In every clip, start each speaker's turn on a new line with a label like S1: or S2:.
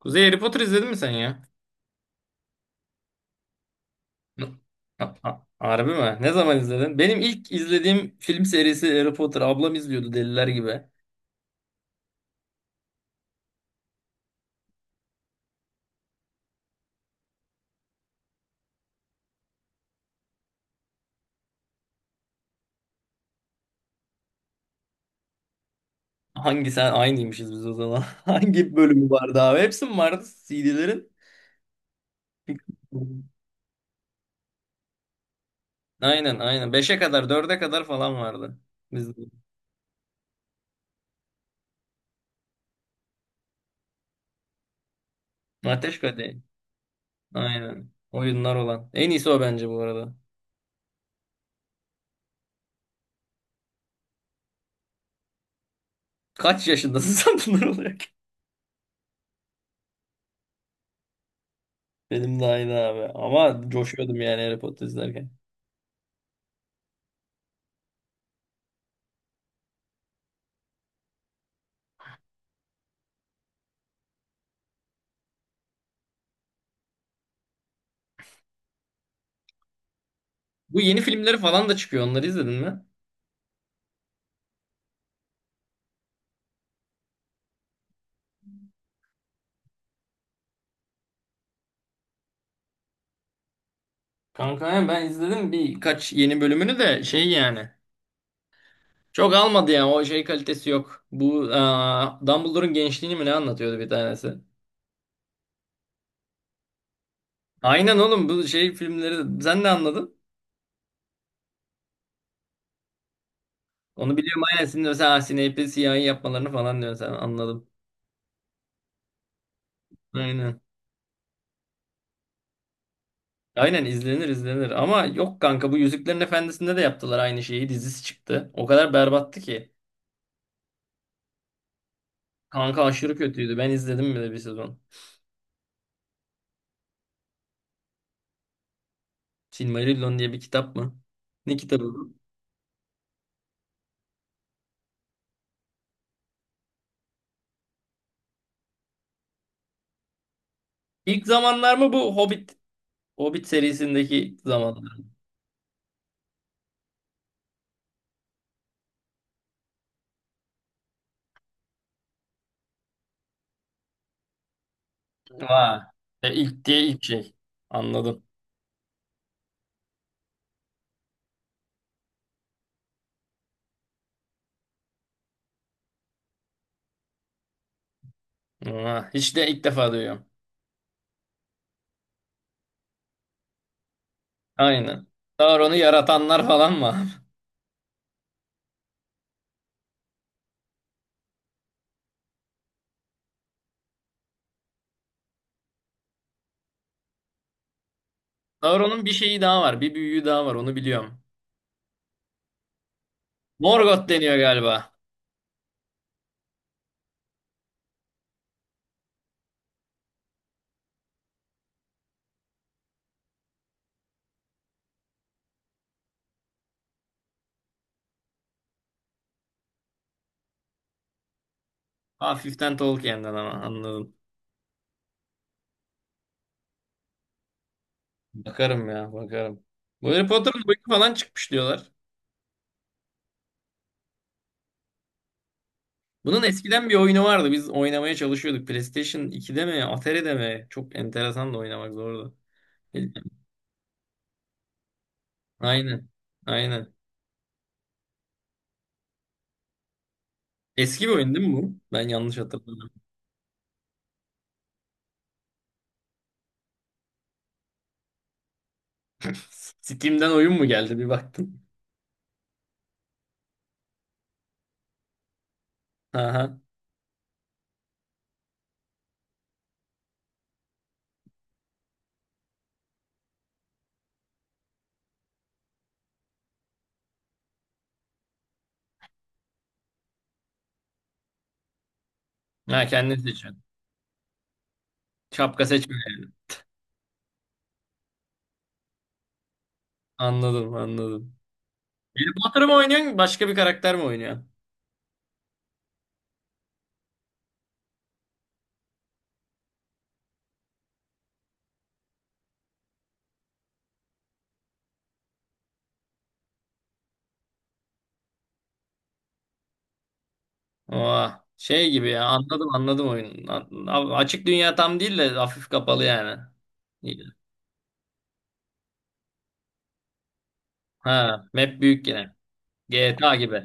S1: Kuzey, Harry Potter izledin mi sen ya? Harbi mi? Ne zaman izledin? Benim ilk izlediğim film serisi Harry Potter. Ablam izliyordu deliler gibi. Hangi sen aynıymışız biz o zaman. Hangi bölümü vardı abi? Hepsi mi vardı CD'lerin? Aynen, aynen. Beşe kadar, dörde kadar falan vardı. Biz Ateş Kadehi. Aynen. Oyunlar olan. En iyisi o, bence bu arada. Kaç yaşındasın sen bunlar olarak? Benim de aynı abi. Ama coşuyordum yani Harry Potter izlerken. Bu yeni filmleri falan da çıkıyor. Onları izledin mi? Kanka ya ben izledim birkaç yeni bölümünü de şey yani. Çok almadı yani, o şey kalitesi yok. Bu Dumbledore'un gençliğini mi ne anlatıyordu bir tanesi. Aynen oğlum, bu şey filmleri sen de anladın. Onu biliyorum, aynen şimdi mesela Snape'i siyahi yapmalarını falan diyorsun, sen anladım. Aynen. Aynen, izlenir izlenir, ama yok kanka, bu Yüzüklerin Efendisi'nde de yaptılar aynı şeyi, dizisi çıktı. O kadar berbattı ki. Kanka aşırı kötüydü, ben izledim bile bir sezon. Silmarillion diye bir kitap mı? Ne kitabı bu? İlk zamanlar mı bu? Hobbit serisindeki zamanda. Ha. E, ilk diye ilk şey. Anladım. Ha. Hiç de, ilk defa duyuyorum. Aynen. Sauron'u yaratanlar falan mı? Sauron'un bir şeyi daha var. Bir büyüğü daha var. Onu biliyorum. Morgoth deniyor galiba. Hafiften Tolkien'den ama, anladım. Bakarım ya, bakarım. Bu Harry Potter'ın boyutu falan çıkmış diyorlar. Bunun eskiden bir oyunu vardı. Biz oynamaya çalışıyorduk. PlayStation 2'de mi? Atari'de mi? Çok enteresan da, oynamak zordu. Aynen. Aynen. Eski bir oyun değil mi bu? Ben yanlış hatırladım. Steam'den oyun mu geldi bir baktım. Aha. Ha, kendin seçiyorsun. Şapka seçme yani. Anladım, anladım. Harry Potter mı oynuyorsun, başka bir karakter mi oynuyorsun? Oha. Şey gibi ya, anladım anladım oyunu. Açık dünya tam değil de hafif kapalı yani. İyi. Ha, map büyük yine. GTA gibi.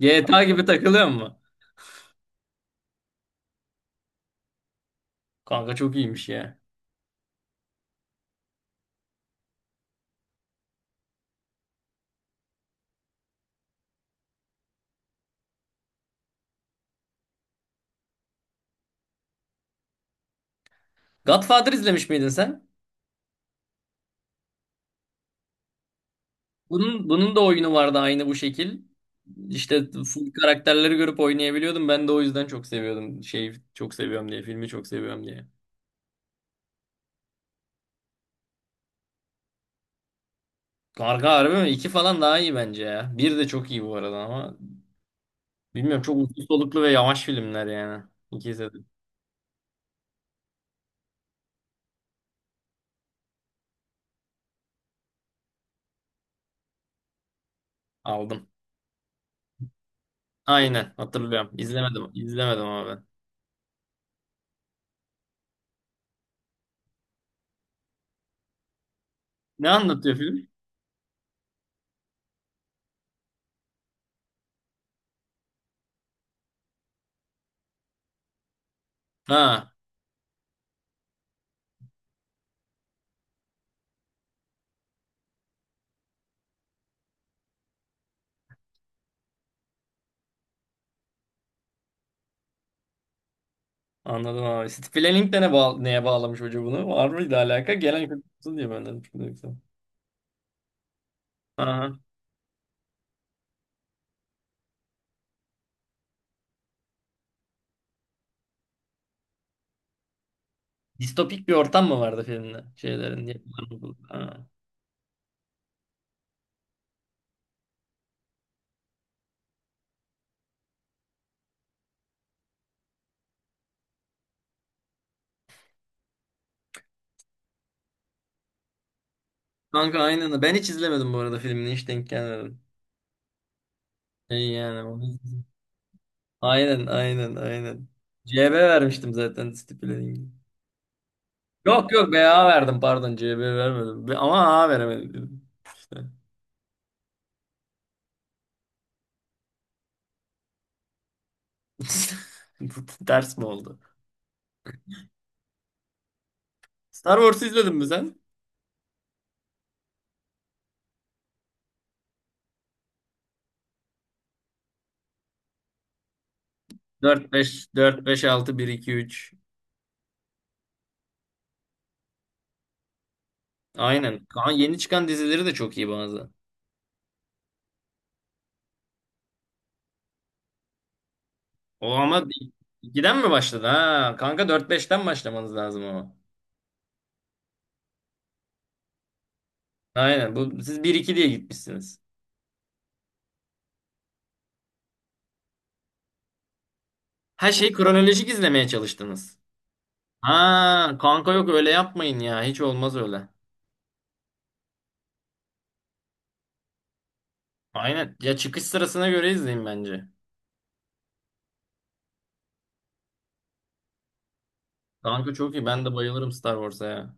S1: GTA gibi takılıyor mu? Kanka çok iyiymiş ya. Godfather izlemiş miydin sen? Bunun da oyunu vardı aynı bu şekil. İşte full karakterleri görüp oynayabiliyordum. Ben de o yüzden çok seviyordum. Şeyi çok seviyorum diye, filmi çok seviyorum diye. Karga, harbi mi? İki falan daha iyi bence ya. Bir de çok iyi bu arada ama, bilmiyorum, çok uzun soluklu ve yavaş filmler yani. İkisi de aldım. Aynen hatırlıyorum. İzlemedim. İzlemedim ben. Ne anlatıyor film? Ha, anladım abi. City Planning de ne neye bağlamış hoca bunu? Var mıydı alaka? Gelen kötü olsun diye ben dedim. Şimdi yoksa. Distopik bir ortam mı vardı filmde? Ha. Kanka aynen. Ben hiç izlemedim bu arada filmini. Hiç denk gelmedim. Şey yani, onu izledim. Aynen. CB vermiştim zaten stipülenin. Yok, yok, BA verdim, pardon, CB vermedim. Ama A veremedim. Dedim. İşte. Bu ters mi oldu? Star Wars izledin mi sen? Dört beş, dört beş altı, bir iki üç. Aynen. Kaan, yeni çıkan dizileri de çok iyi bazı. O ama 2'den mi başladı ha? Kanka dört beşten başlamanız lazım ama. Aynen. Bu, siz bir iki diye gitmişsiniz. Her şeyi kronolojik izlemeye çalıştınız. Ha kanka, yok öyle yapmayın ya. Hiç olmaz öyle. Aynen. Ya çıkış sırasına göre izleyin bence. Kanka çok iyi. Ben de bayılırım Star Wars'a ya.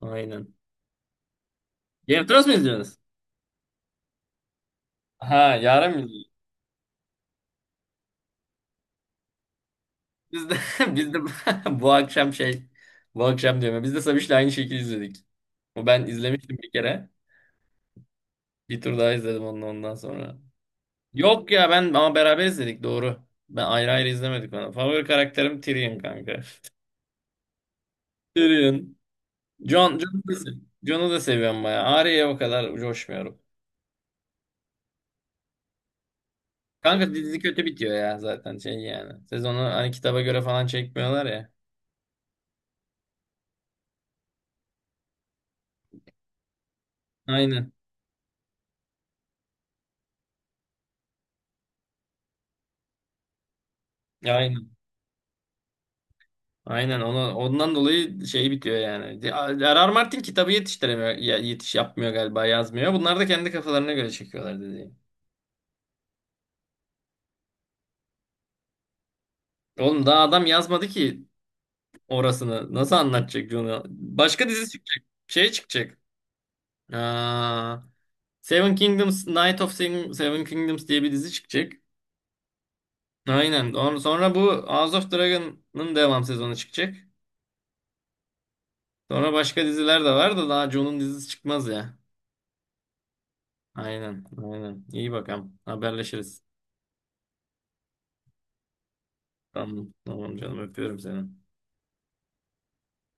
S1: Aynen. Game of Thrones mu izliyorsunuz? Ha, yarın mı izliyorsunuz? Biz de, biz de bu akşam şey bu akşam diyorum. Ya, biz de Sabiş'le aynı şekilde izledik. O, ben izlemiştim bir kere. Bir tur daha izledim onu ondan sonra. Yok ya, ben ama beraber izledik, doğru. Ben ayrı ayrı izlemedik onu. Favori karakterim Tyrion kanka. Tyrion. Jon'u da seviyorum bayağı. Arya'ya o kadar coşmuyorum. Kanka dizi kötü bitiyor ya zaten, şey yani. Sezonu hani kitaba göre falan çekmiyorlar ya. Aynen. Ya aynen. Aynen onu, ondan dolayı şey bitiyor yani. R.R. Martin kitabı yetiştiremiyor, yetiş yapmıyor galiba, yazmıyor. Bunlar da kendi kafalarına göre çekiyorlar, dediğim. Oğlum daha adam yazmadı ki, orasını nasıl anlatacak John'u? Başka dizi çıkacak. Şey çıkacak. Aa, Seven Kingdoms, Night of Seven, Seven Kingdoms diye bir dizi çıkacak. Aynen. Sonra bu House of Dragon'ın devam sezonu çıkacak. Sonra başka diziler de var da, daha John'un dizisi çıkmaz ya. Aynen. Aynen. İyi bakalım. Haberleşiriz. Tamam. Tamam canım, öpüyorum seni.